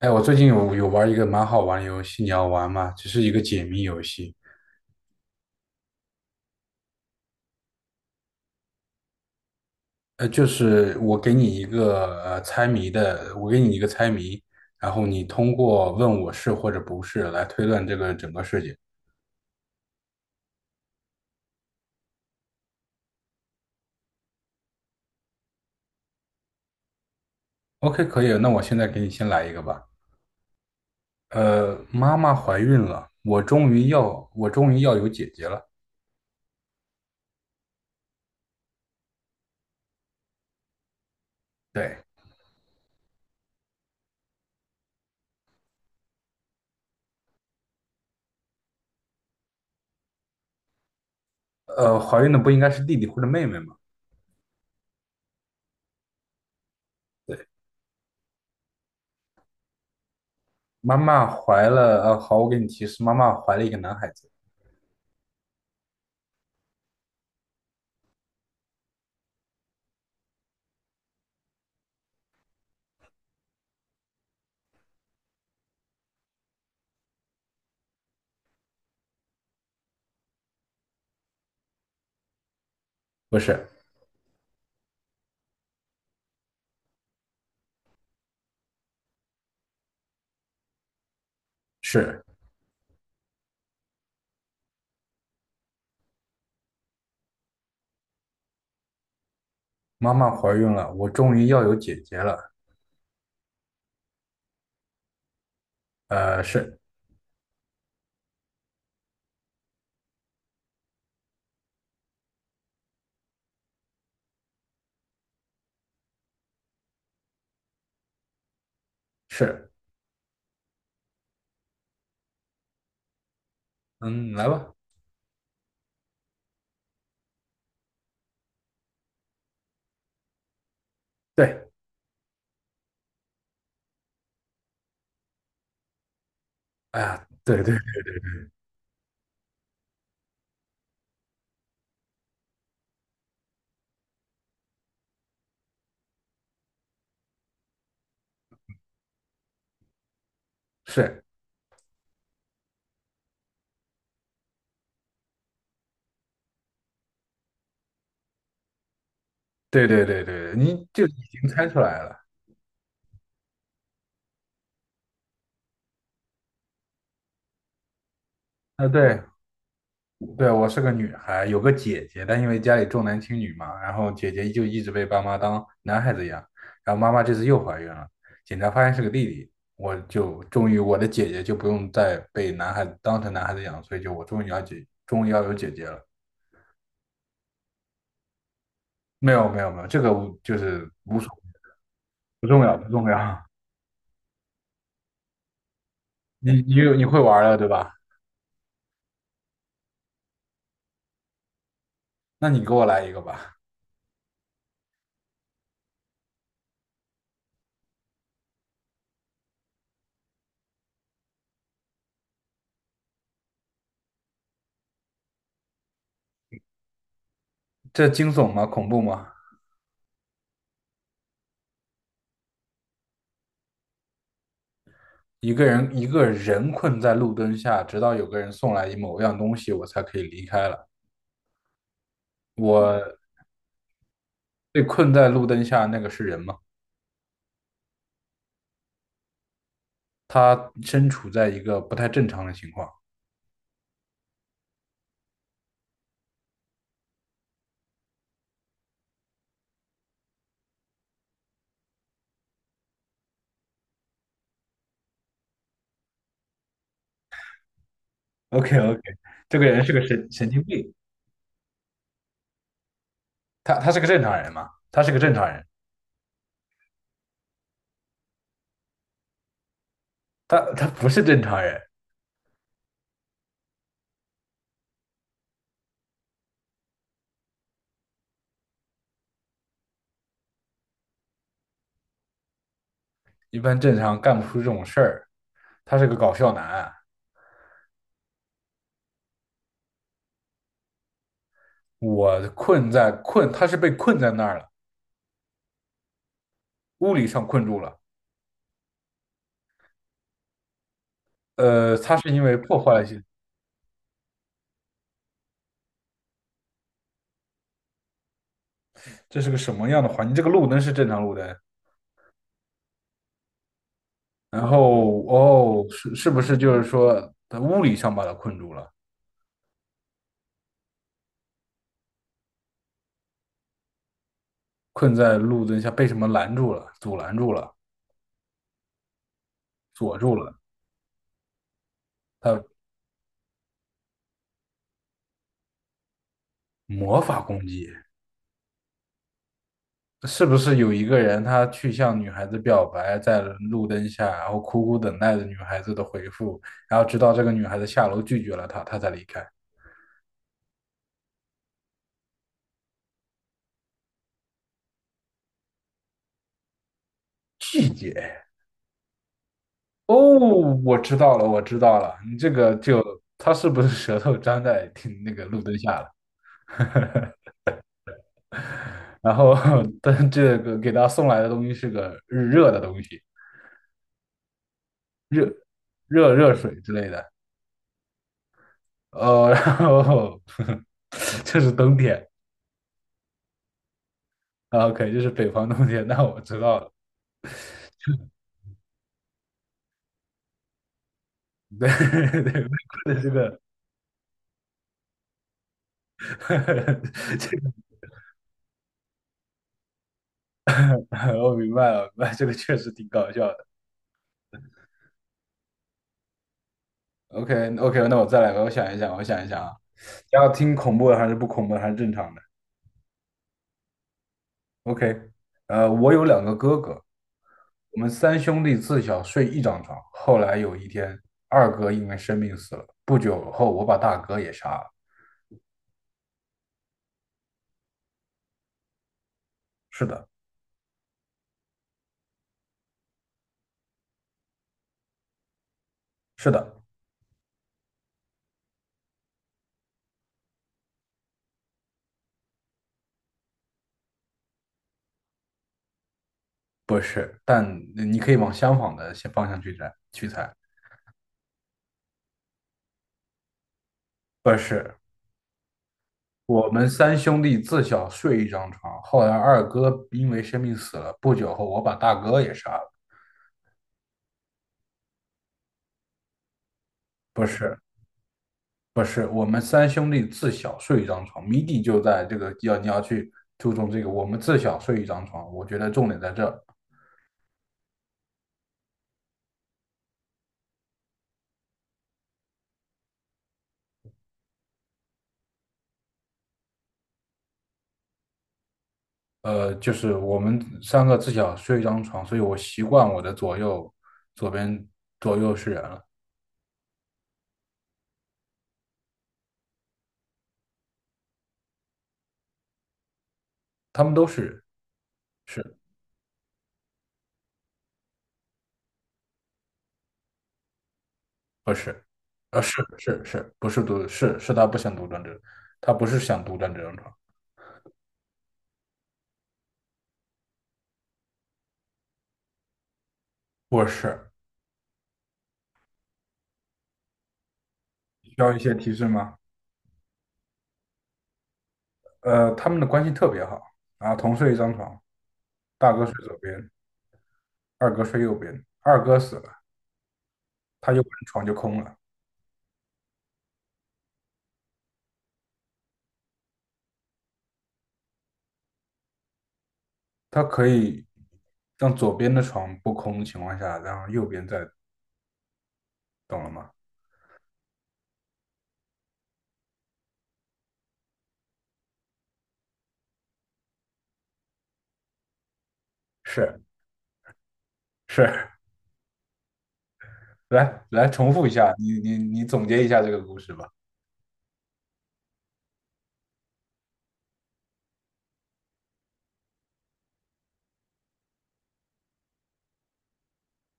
哎，我最近有玩一个蛮好玩的游戏，你要玩吗？只是一个解谜游戏，就是我给你一个猜谜的，我给你一个猜谜，然后你通过问我是或者不是来推断这个整个事情。OK，可以，那我现在给你先来一个吧。妈妈怀孕了，我终于要有姐姐了。对，怀孕的不应该是弟弟或者妹妹吗？妈妈怀了，呃，好，我给你提示，妈妈怀了一个男孩子，不是，是。妈妈怀孕了，我终于要有姐姐了。呃，是是，嗯，来吧。对，哎呀，对是，对，你就已经猜出来了。啊，对，我是个女孩，有个姐姐，但因为家里重男轻女嘛，然后姐姐就一直被爸妈当男孩子养，然后妈妈这次又怀孕了，检查发现是个弟弟，我就终于我的姐姐就不用再被男孩子当成男孩子养，所以就我终于要姐，终于要有姐姐了。没有，这个无就是无所。不重要，不重要。你有会玩了，对吧？那你给我来一个吧。这惊悚吗？恐怖吗？一个人困在路灯下，直到有个人送来某样东西，我才可以离开了。我被困在路灯下，那个是人吗？他身处在一个不太正常的情况。OK，这个人是个神经病。他是个正常人吗？他是个正常人，他不是正常人。一般正常干不出这种事儿。他是个搞笑男，我困在困，他是被困在那儿了，物理上困住了。他是因为破坏了一些这是个什么样的环境？这个路灯是正常路灯，然后是不是就是说他物理上把他困住了，困在路灯下被什么拦住了，阻拦住了，锁住了？他魔法攻击是不是有一个人他去向女孩子表白，在路灯下，然后苦苦等待着女孩子的回复，然后直到这个女孩子下楼拒绝了他，他才离开。拒绝。哦，我知道了，你这个就他是不是舌头粘在挺那个路灯下了？然后，但这个给他送来的东西是个热的东西，热热水之类的。然后 这是冬天啊，OK，这是北方冬天，那我知道了。对 对，这个 这个 我明白了，明白，这个确实挺搞笑的。OK，那我再来吧，我想一想啊，要听恐怖的还是不恐怖的还是正常的？OK，我有两个哥哥，我们三兄弟自小睡一张床，后来有一天，二哥因为生病死了，不久后我把大哥也杀了。是的，是的，不是，但你可以往相反的方向去猜，去猜，不是。我们三兄弟自小睡一张床，后来二哥因为生病死了，不久后我把大哥也杀了。不是，不是，我们三兄弟自小睡一张床，谜底就在这个要去注重这个，我们自小睡一张床，我觉得重点在这儿，就是我们三个自小睡一张床，所以我习惯我的左边左右是人了，他们都是人，是不是？是是是，不是独是是他不想独占这，他不是想独占这张床，不是，需要一些提示吗？他们的关系特别好，然后同睡一张床，大哥睡左边，二哥睡右边，二哥死了，他右边的床就空了。他可以让左边的床不空的情况下，然后右边再，懂了吗？是是，来重复一下，你总结一下这个故事吧。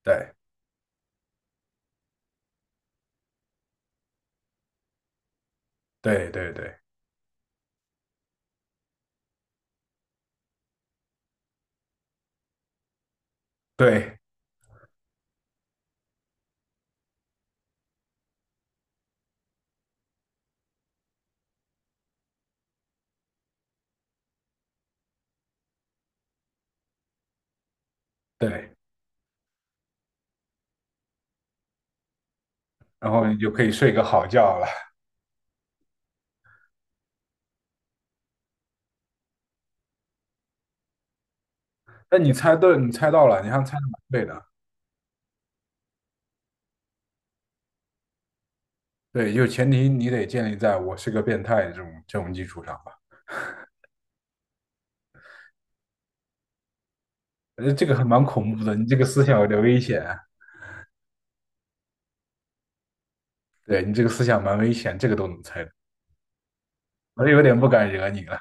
对对对对对对，然后你就可以睡个好觉了。那你猜对，你猜到了，你还猜的蛮对的。对，就前提你得建立在我是个变态这种基础上吧。这个还蛮恐怖的，你这个思想有点危险啊对你这个思想蛮危险，这个都能猜到。我有点不敢惹你了。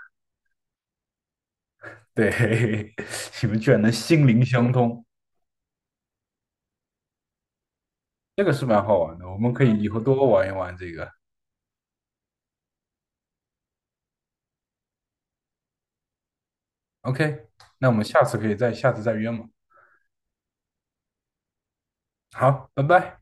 对，你们居然能心灵相通，这个是蛮好玩的。我们可以以后多玩一玩这个。OK,那我们下次可以下次再约嘛。好，拜拜。